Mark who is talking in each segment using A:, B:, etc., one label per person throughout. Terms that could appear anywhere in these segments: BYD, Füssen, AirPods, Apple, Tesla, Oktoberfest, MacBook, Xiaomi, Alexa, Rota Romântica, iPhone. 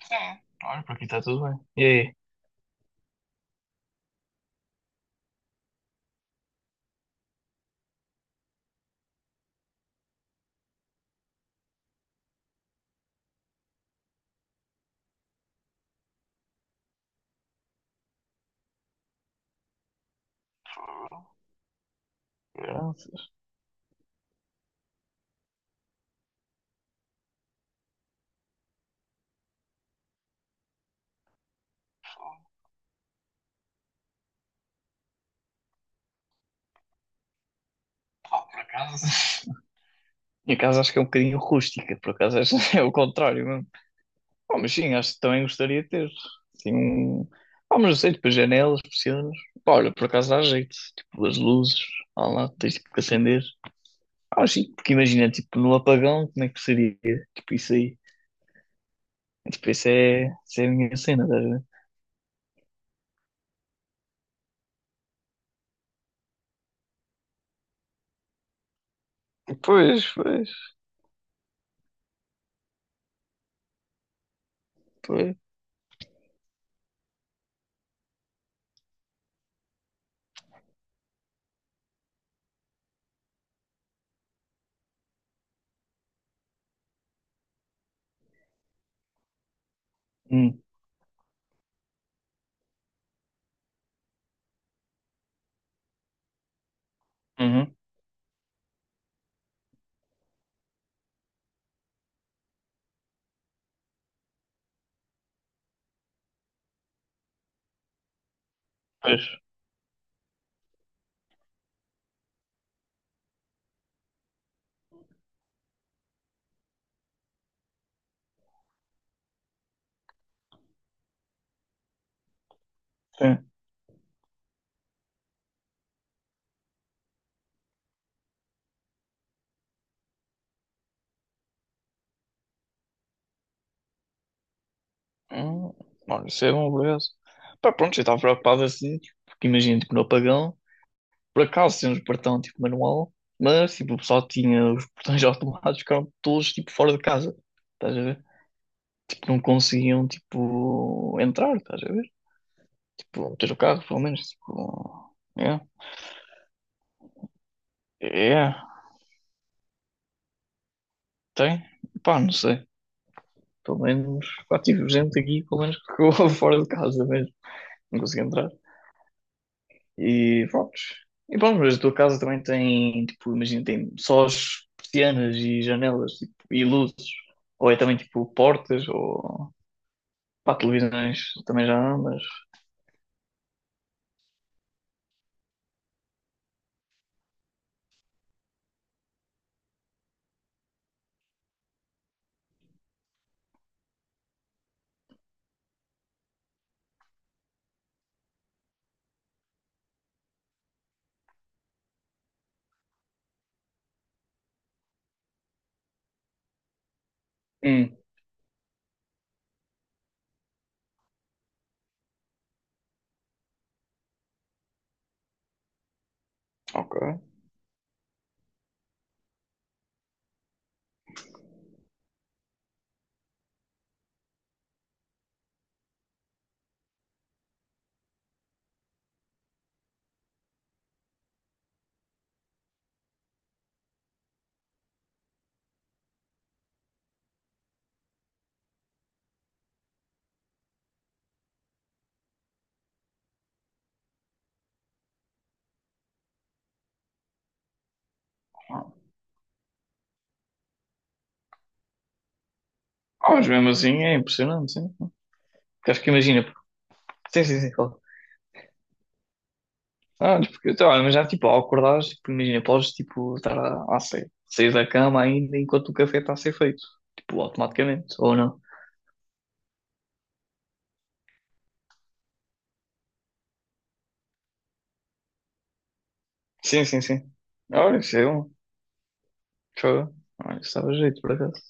A: Sim. Olha, por aqui está tudo bem. E aí? Graças. Pá, por acaso. Minha casa acho que é um bocadinho rústica, por acaso acho é o contrário mesmo. Pá, mas sim, acho que também gostaria de ter. Assim. Pá, mas não sei, tipo, janelas, persianas. Pá, olha, por acaso dá jeito. Tipo, as luzes, lá, tens tipo que acender. Ah, mas sim, porque imagina, tipo, no apagão, como é que seria? Tipo, isso aí. Tipo, isso é a minha cena, estás a ver? Pois, pois, pois. Hum, uhum, pois. Sim. Hum, olha, isso é bom, por acaso. Pá, pronto, eu estava preocupado assim, tipo, porque imagina, tipo, no apagão, por acaso temos portão, tipo, manual, mas, tipo, o pessoal tinha os portões automáticos, ficaram todos, tipo, fora de casa, estás a ver? Tipo, não conseguiam, tipo, entrar, estás a ver? Tipo, ter o carro, pelo menos, tipo, é, tem, pá, não sei, pelo menos, pá, tive gente aqui, pelo menos, que ficou fora de casa mesmo, não conseguia entrar. E pronto. E pronto, mas a tua casa também tem, tipo, imagina, tem só as persianas e janelas, tipo, e luzes. Ou é também, tipo, portas, ou pá, televisões também já não, mas... Hum, ok. Ah, mas mesmo assim é impressionante, sim. Porque acho que imagina, porque... Sim, sim, sim, claro. Ah, mas porque, então, olha, mas já, tipo, ao acordares, tipo, imagina, podes, tipo, estar a sair da cama ainda enquanto o café está a ser feito. Tipo, automaticamente, ou não. Sim, sim, sim. Olha, isso é bom. Fogo. Olha, isso dava jeito, por acaso.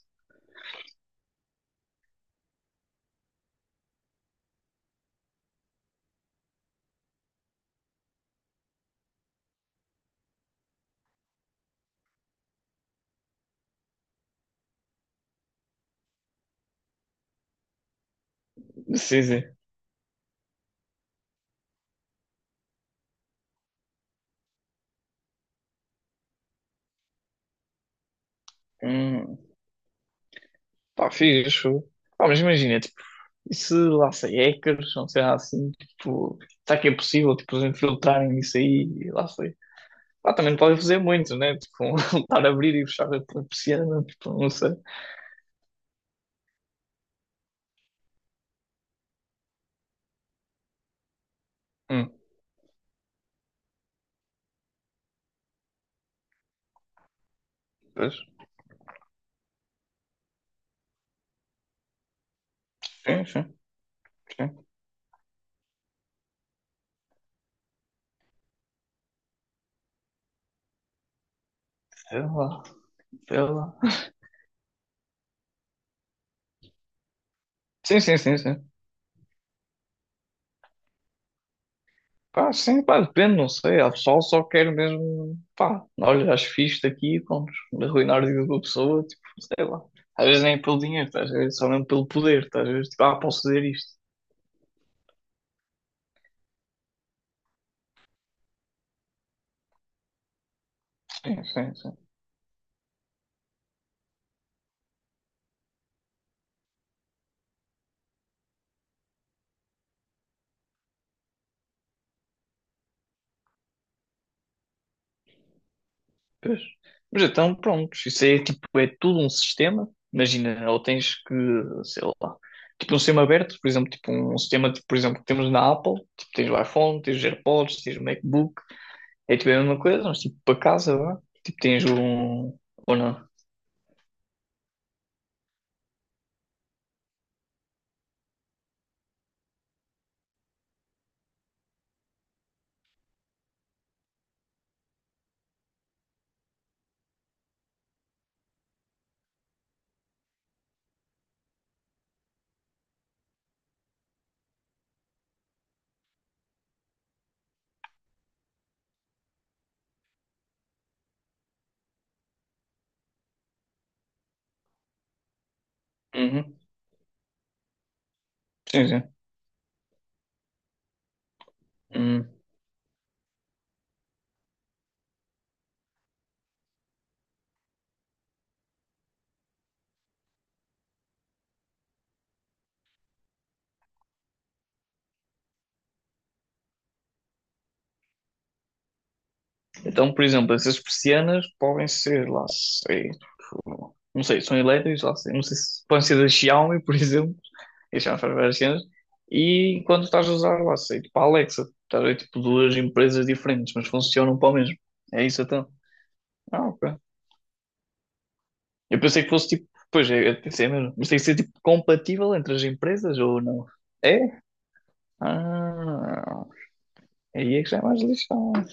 A: Sim, sim. Hum, pá, fixe. Pá, mas imagina, tipo, e se lá sei hackers, não sei lá assim, tipo, será que é possível, tipo, eles infiltrarem isso aí, e lá sei. Pá, também não podem fazer muito, né? Tipo, estar a abrir e fechar a persiana, tipo, não sei. Hum, pois, sim, sim, sim. Sei lá, sei lá. Sim, sim, sim, sim. Pá, sim, pá, depende, não sei. Há pessoal que só quer mesmo, pá, olha, acho fixe isto aqui e pronto, arruinar a vida da pessoa, tipo, sei lá. Às vezes nem é pelo dinheiro, tá? Às vezes só mesmo pelo poder, tá? Às vezes, tipo, ah, posso fazer isto. Sim, sim, sim. Pois. Mas então, pronto, isso é tipo, é tudo um sistema. Imagina, ou tens que, sei lá, tipo um sistema aberto, por exemplo, tipo um sistema, tipo, por exemplo, que temos na Apple, tipo, tens o iPhone, tens os AirPods, tens o MacBook, é tipo a mesma coisa, mas tipo para casa, vá. Tipo, tens um. Ou não? Uhum. Sim, sim. Hum. Então, por exemplo, essas persianas podem ser, lá sei, não sei, são elétricas, lá sei, não sei se podem ser da Xiaomi, por exemplo, e já faz várias cenas, e quando estás a usar, lá sei, tipo a Alexa, estás a ver, tipo duas empresas diferentes, mas funcionam para o mesmo. É isso então. Ah, ok. Eu pensei que fosse tipo, pois é, eu pensei mesmo, mas tem que ser tipo compatível entre as empresas ou não? É? Ah, aí é que já é mais lixado.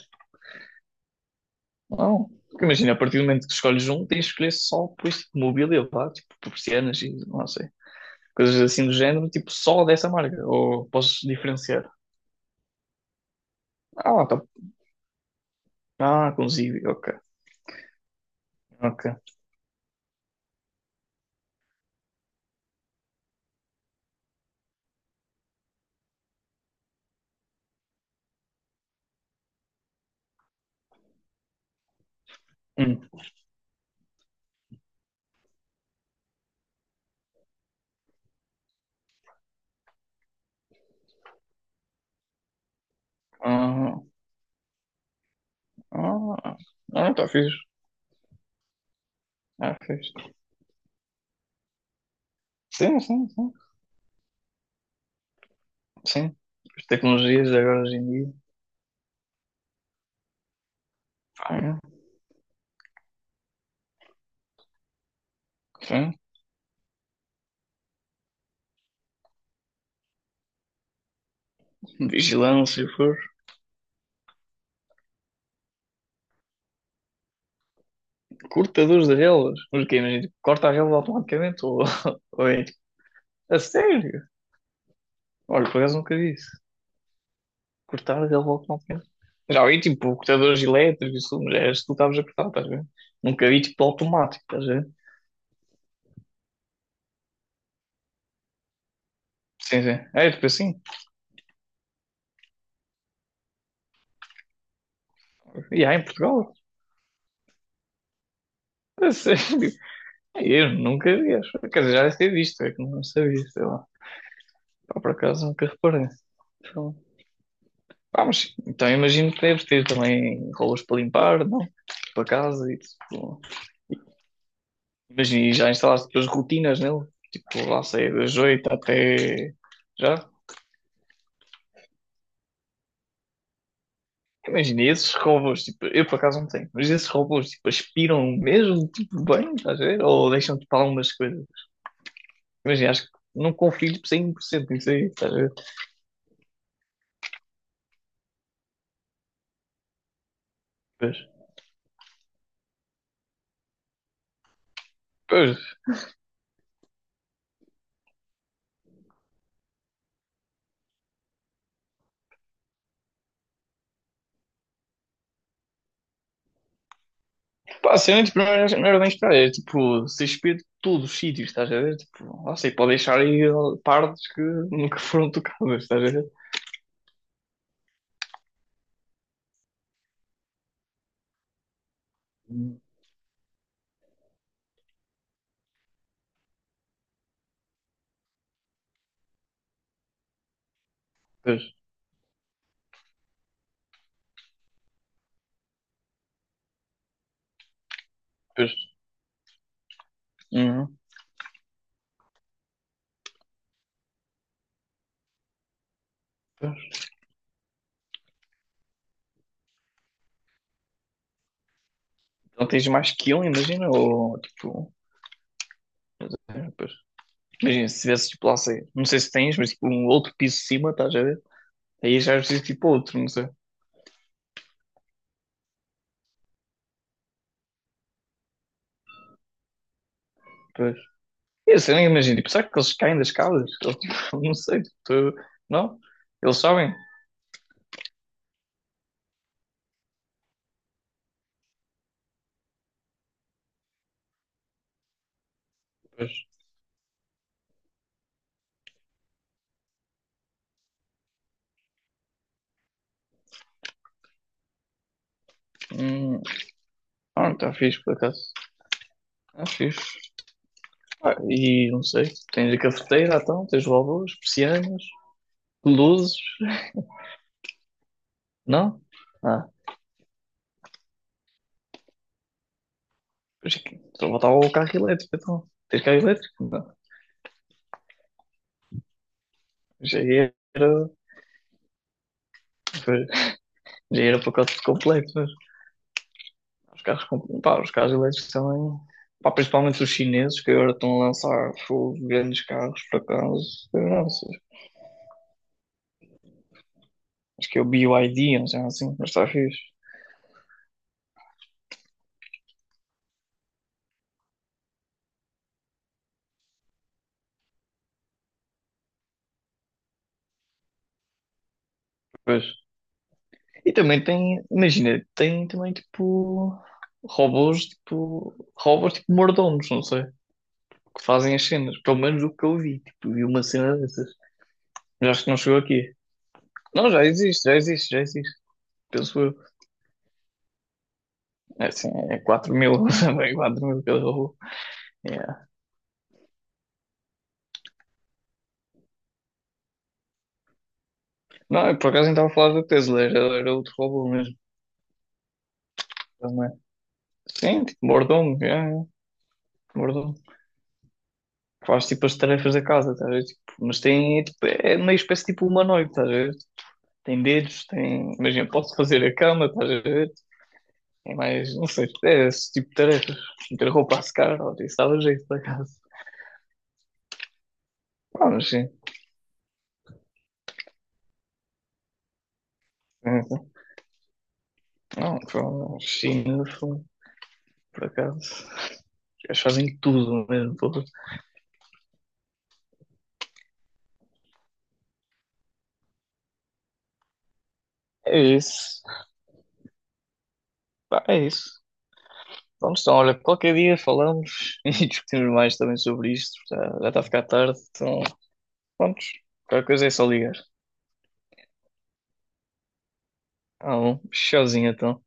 A: Não. Porque imagina, a partir do momento que escolhes um, tens de escolher só por este mobília, pá, tipo persianas e não sei, coisas assim do género, tipo só dessa marca, ou posso diferenciar. Ah, tá. Ah, consigo, ok, ok. Hum. Ah, ah, ah, tá fixe. Ah, fixe. Sim, sim, sim. Sim. As tecnologias de agora hoje em dia. Pá, é. Sim. Vigilância, for. Cortadores de relas. Mas o quê? Imagina, tipo, corta a rela automaticamente ou, ou é tipo, a sério? Olha, por acaso nunca vi isso. Cortar relevou automaticamente. Mas alguém tipo cortadores elétricos, isso, mas é isso que tu estavas a cortar, estás a ver? Nunca vi tipo automático, estás a ver? Sim, sim. É tipo assim. E há em Portugal? É sério? É, eu nunca vi, acho. Quer dizer, já deve ter visto, é que não sabia, sei lá. Pá, por acaso nunca reparei. Então, pá, mas sim. Então imagino que deves ter também rolos para limpar, não? Para casa e tipo. Imagina, e já instalaste depois rotinas nele? Tipo, lá sei, das 8 até. Já? Imagina, esses robôs, tipo, eu por acaso não tenho, mas esses robôs, tipo, aspiram mesmo, tipo, bem, estás a ver? Ou deixam, tipo, algumas coisas. Imagina, acho que não confio, tipo, 100% nisso aí, estás a ver? Pois, pois, pá, assim, tipo, não era bem esperar, era, tipo, se aspira de todos os sítios, estás a ver? Tipo, não sei, pode deixar aí ó, partes que nunca foram tocadas, estás a ver? Pois, pois, uhum, pois. Então tens mais que um, imagina, ou, tipo... É, pois. Imagina, se tivesse tipo lá, sei, não sei se tens, mas tipo um outro piso de cima, estás a ver? Aí já é preciso tipo outro, não sei. Pois. Eu sei, nem imagino. Tipo, será que eles caem das casas? Eles, tipo, não sei. Não? Eles sabem? Pois. Hum. Ah, está fixe, por acaso. Está fixe. Ah, e não sei. Tens a cafeteira, então. Tens válvulas persianas, luzes. Não? Ah. Só faltava o carro elétrico, então. Tens carro elétrico? Não. Já era... Pois, já era o pacote completo, mas... Os carros, pá, os carros elétricos também, pá, principalmente os chineses que agora estão a lançar fogo, grandes carros para acaso, eu acho que é o BYD, não sei assim, mas está fixe. Pois. E também tem, imagina, tem também tipo robôs, tipo robôs tipo mordomos, não sei, que fazem as cenas, pelo menos o que eu vi, tipo, vi uma cena dessas. Já acho que não chegou aqui. Não, já existe, já existe, já existe, penso eu. É assim, é 4000, também 4000 cada robô. É, não, eu por acaso nem estava a falar da Tesla, era outro robô mesmo. Não é? Sim, tipo, mordomo, é, mordomo. Faz tipo as tarefas da casa, estás a ver? Tipo, mas tem, é, tipo, é meio espécie tipo humanoide, estás a ver? Tem dedos, tem. Imagina, pode fazer a cama, estás a ver? É mais, não sei, é esse tipo de tarefas. Meter roupa a secar, ó, isso dava jeito por acaso. Ah, mas sim. É, não, foi China, foi, por acaso. Eles fazem tudo mesmo, pô. É isso. Pá, é isso. Pronto, então, olha, qualquer dia falamos e discutimos mais também sobre isto. Já, já está a ficar tarde, então, pronto, qualquer coisa é só ligar. Ah, bom, tchauzinho, então.